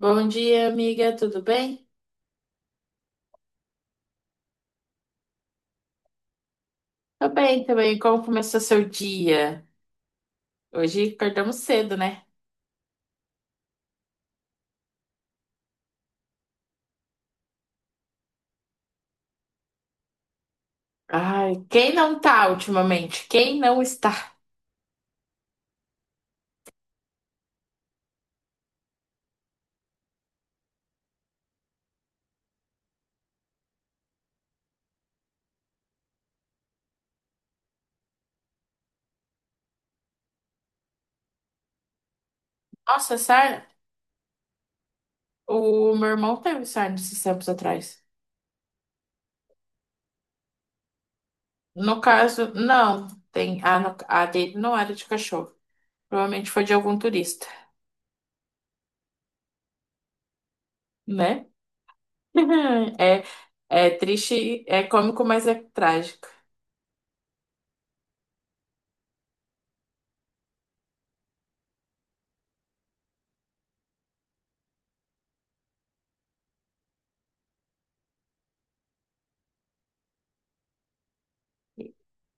Bom dia, amiga, tudo bem? Tô bem também. Como começou seu dia? Hoje acordamos cedo, né? Ai, quem não tá ultimamente? Quem não está? Nossa, sarna, o meu irmão teve sarna esses tempos atrás. No caso, não, tem a, a dele não era de cachorro. Provavelmente foi de algum turista, né? É, é triste, é cômico, mas é trágico.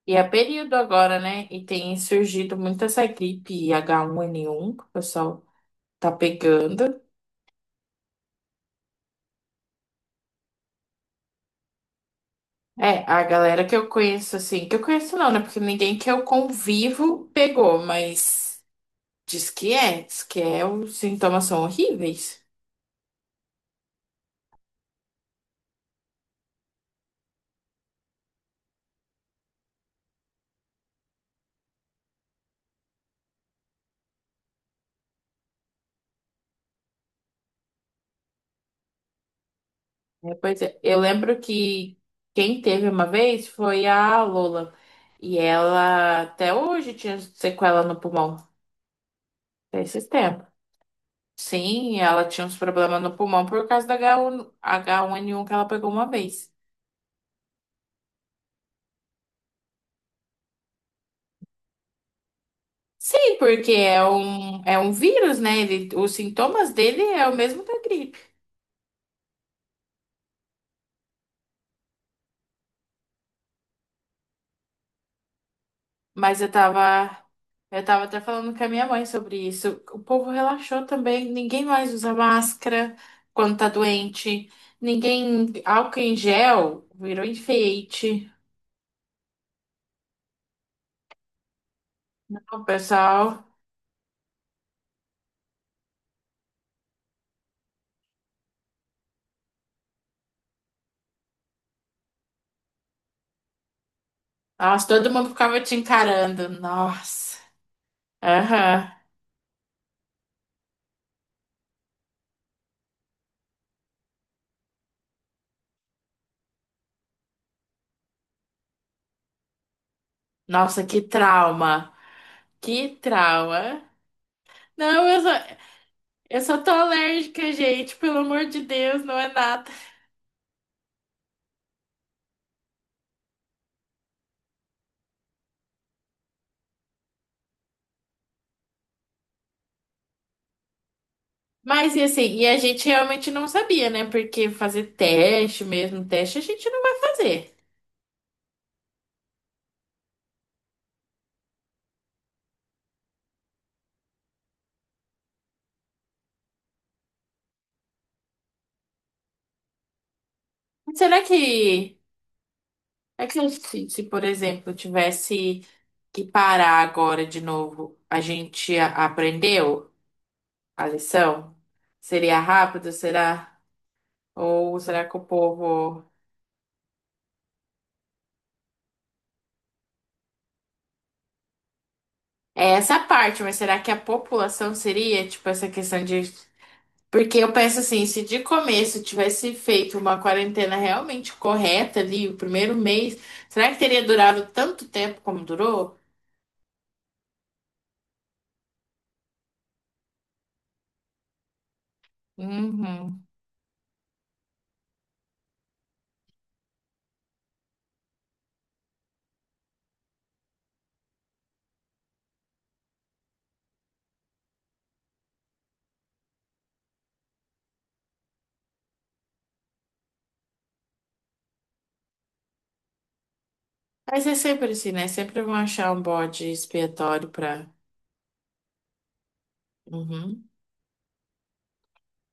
E é período agora, né? E tem surgido muito essa gripe H1N1, que o pessoal. Tá pegando. É, a galera que eu conheço, assim, que eu conheço não, né? Porque ninguém que eu convivo pegou, mas diz que é, os sintomas são horríveis. É, pois é, eu lembro que quem teve uma vez foi a Lola. E ela até hoje tinha sequela no pulmão, até esses tempos. Sim, ela tinha uns problemas no pulmão por causa da H1N1 que ela pegou uma vez. Sim, porque é um vírus, né? Ele, os sintomas dele é o mesmo da gripe. Mas eu tava até falando com a minha mãe sobre isso. O povo relaxou também, ninguém mais usa máscara quando tá doente. Ninguém, álcool em gel virou enfeite. Não, pessoal. Nossa, todo mundo ficava te encarando. Nossa. Aham. Nossa, que trauma. Que trauma. Não, eu só tô alérgica, gente, pelo amor de Deus, não é nada. Mas e assim, e a gente realmente não sabia, né? Porque fazer teste mesmo, teste a gente não vai fazer. Será que, é que se, por exemplo, tivesse que parar agora de novo, a gente aprendeu a lição? Seria rápido, será? Ou será que o povo. É essa parte, mas será que a população seria, tipo, essa questão de Porque eu penso assim, se de começo tivesse feito uma quarentena realmente correta ali, o primeiro mês, será que teria durado tanto tempo como durou? Uhum. Mas é sempre assim, né? Sempre vão achar um bode expiatório pra. Uhum.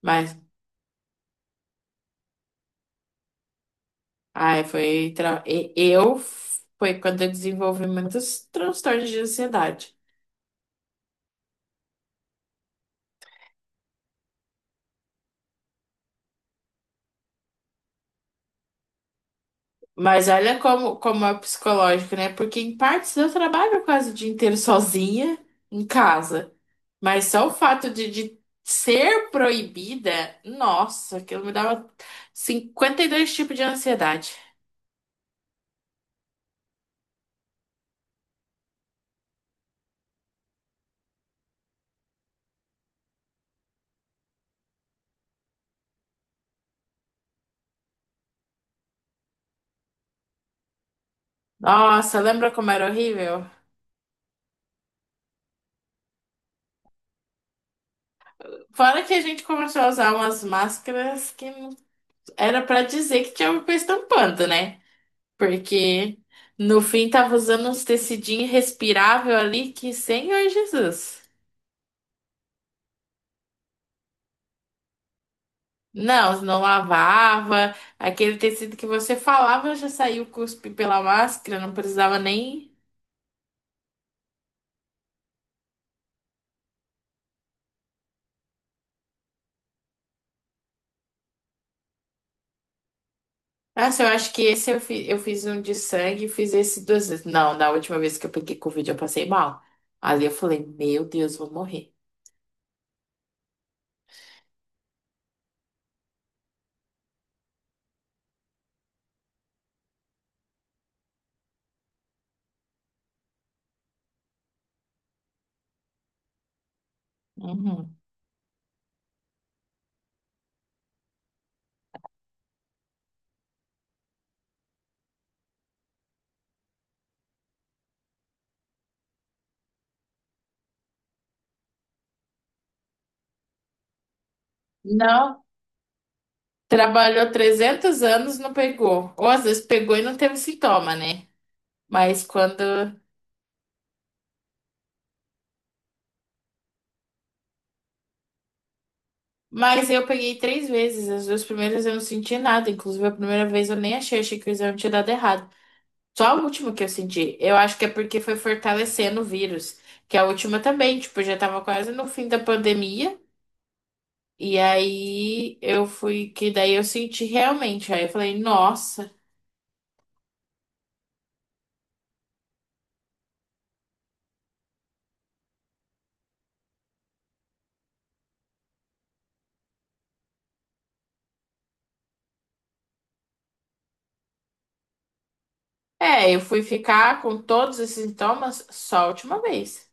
Mas, ai, foi. Tra- e- Eu. Foi quando eu desenvolvi muitos transtornos de ansiedade. Mas olha como é psicológico, né? Porque em partes eu trabalho quase o dia inteiro sozinha em casa. Mas só o fato de ser proibida, nossa, aquilo me dava 52 tipos de ansiedade. Nossa, lembra como era horrível? Fora que a gente começou a usar umas máscaras que não- era pra dizer que tinha alguma coisa tampando, né? Porque no fim tava usando uns tecidinhos respirável ali que, Senhor Jesus. Não, não lavava. Aquele tecido que você falava já saiu cuspe pela máscara, não precisava nem. Nossa, eu acho que esse eu fiz, um de sangue e fiz esse duas vezes. Não, na última vez que eu peguei Covid eu passei mal. Ali eu falei, meu Deus, vou morrer. Uhum. Não, trabalhou 300 anos, não pegou. Ou às vezes pegou e não teve sintoma, né? Mas quando. Mas eu peguei três vezes. As duas primeiras eu não senti nada. Inclusive, a primeira vez eu nem achei, achei que o exame tinha dado errado. Só a última que eu senti. Eu acho que é porque foi fortalecendo o vírus. Que a última também, tipo, já tava quase no fim da pandemia. E aí eu fui. Que daí eu senti realmente. Aí eu falei, nossa. É, eu fui ficar com todos esses sintomas só a última vez.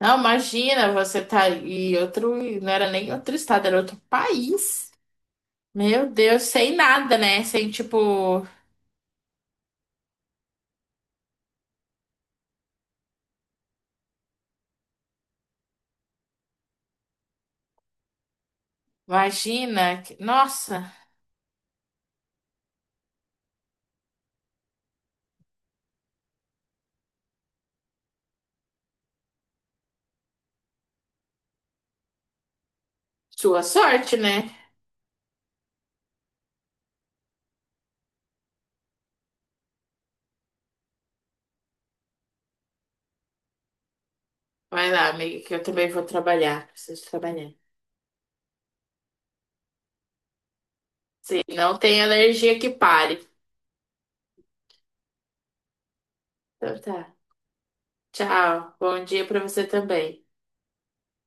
Não, imagina, você tá em outro, não era nem outro estado, era outro país. Meu Deus, sem nada, né? Sem tipo, imagina, nossa, sua sorte, né? Vai lá, amiga, que eu também vou trabalhar, preciso trabalhar. Sim, não tem alergia que pare. Então tá. Tchau. Bom dia pra você também.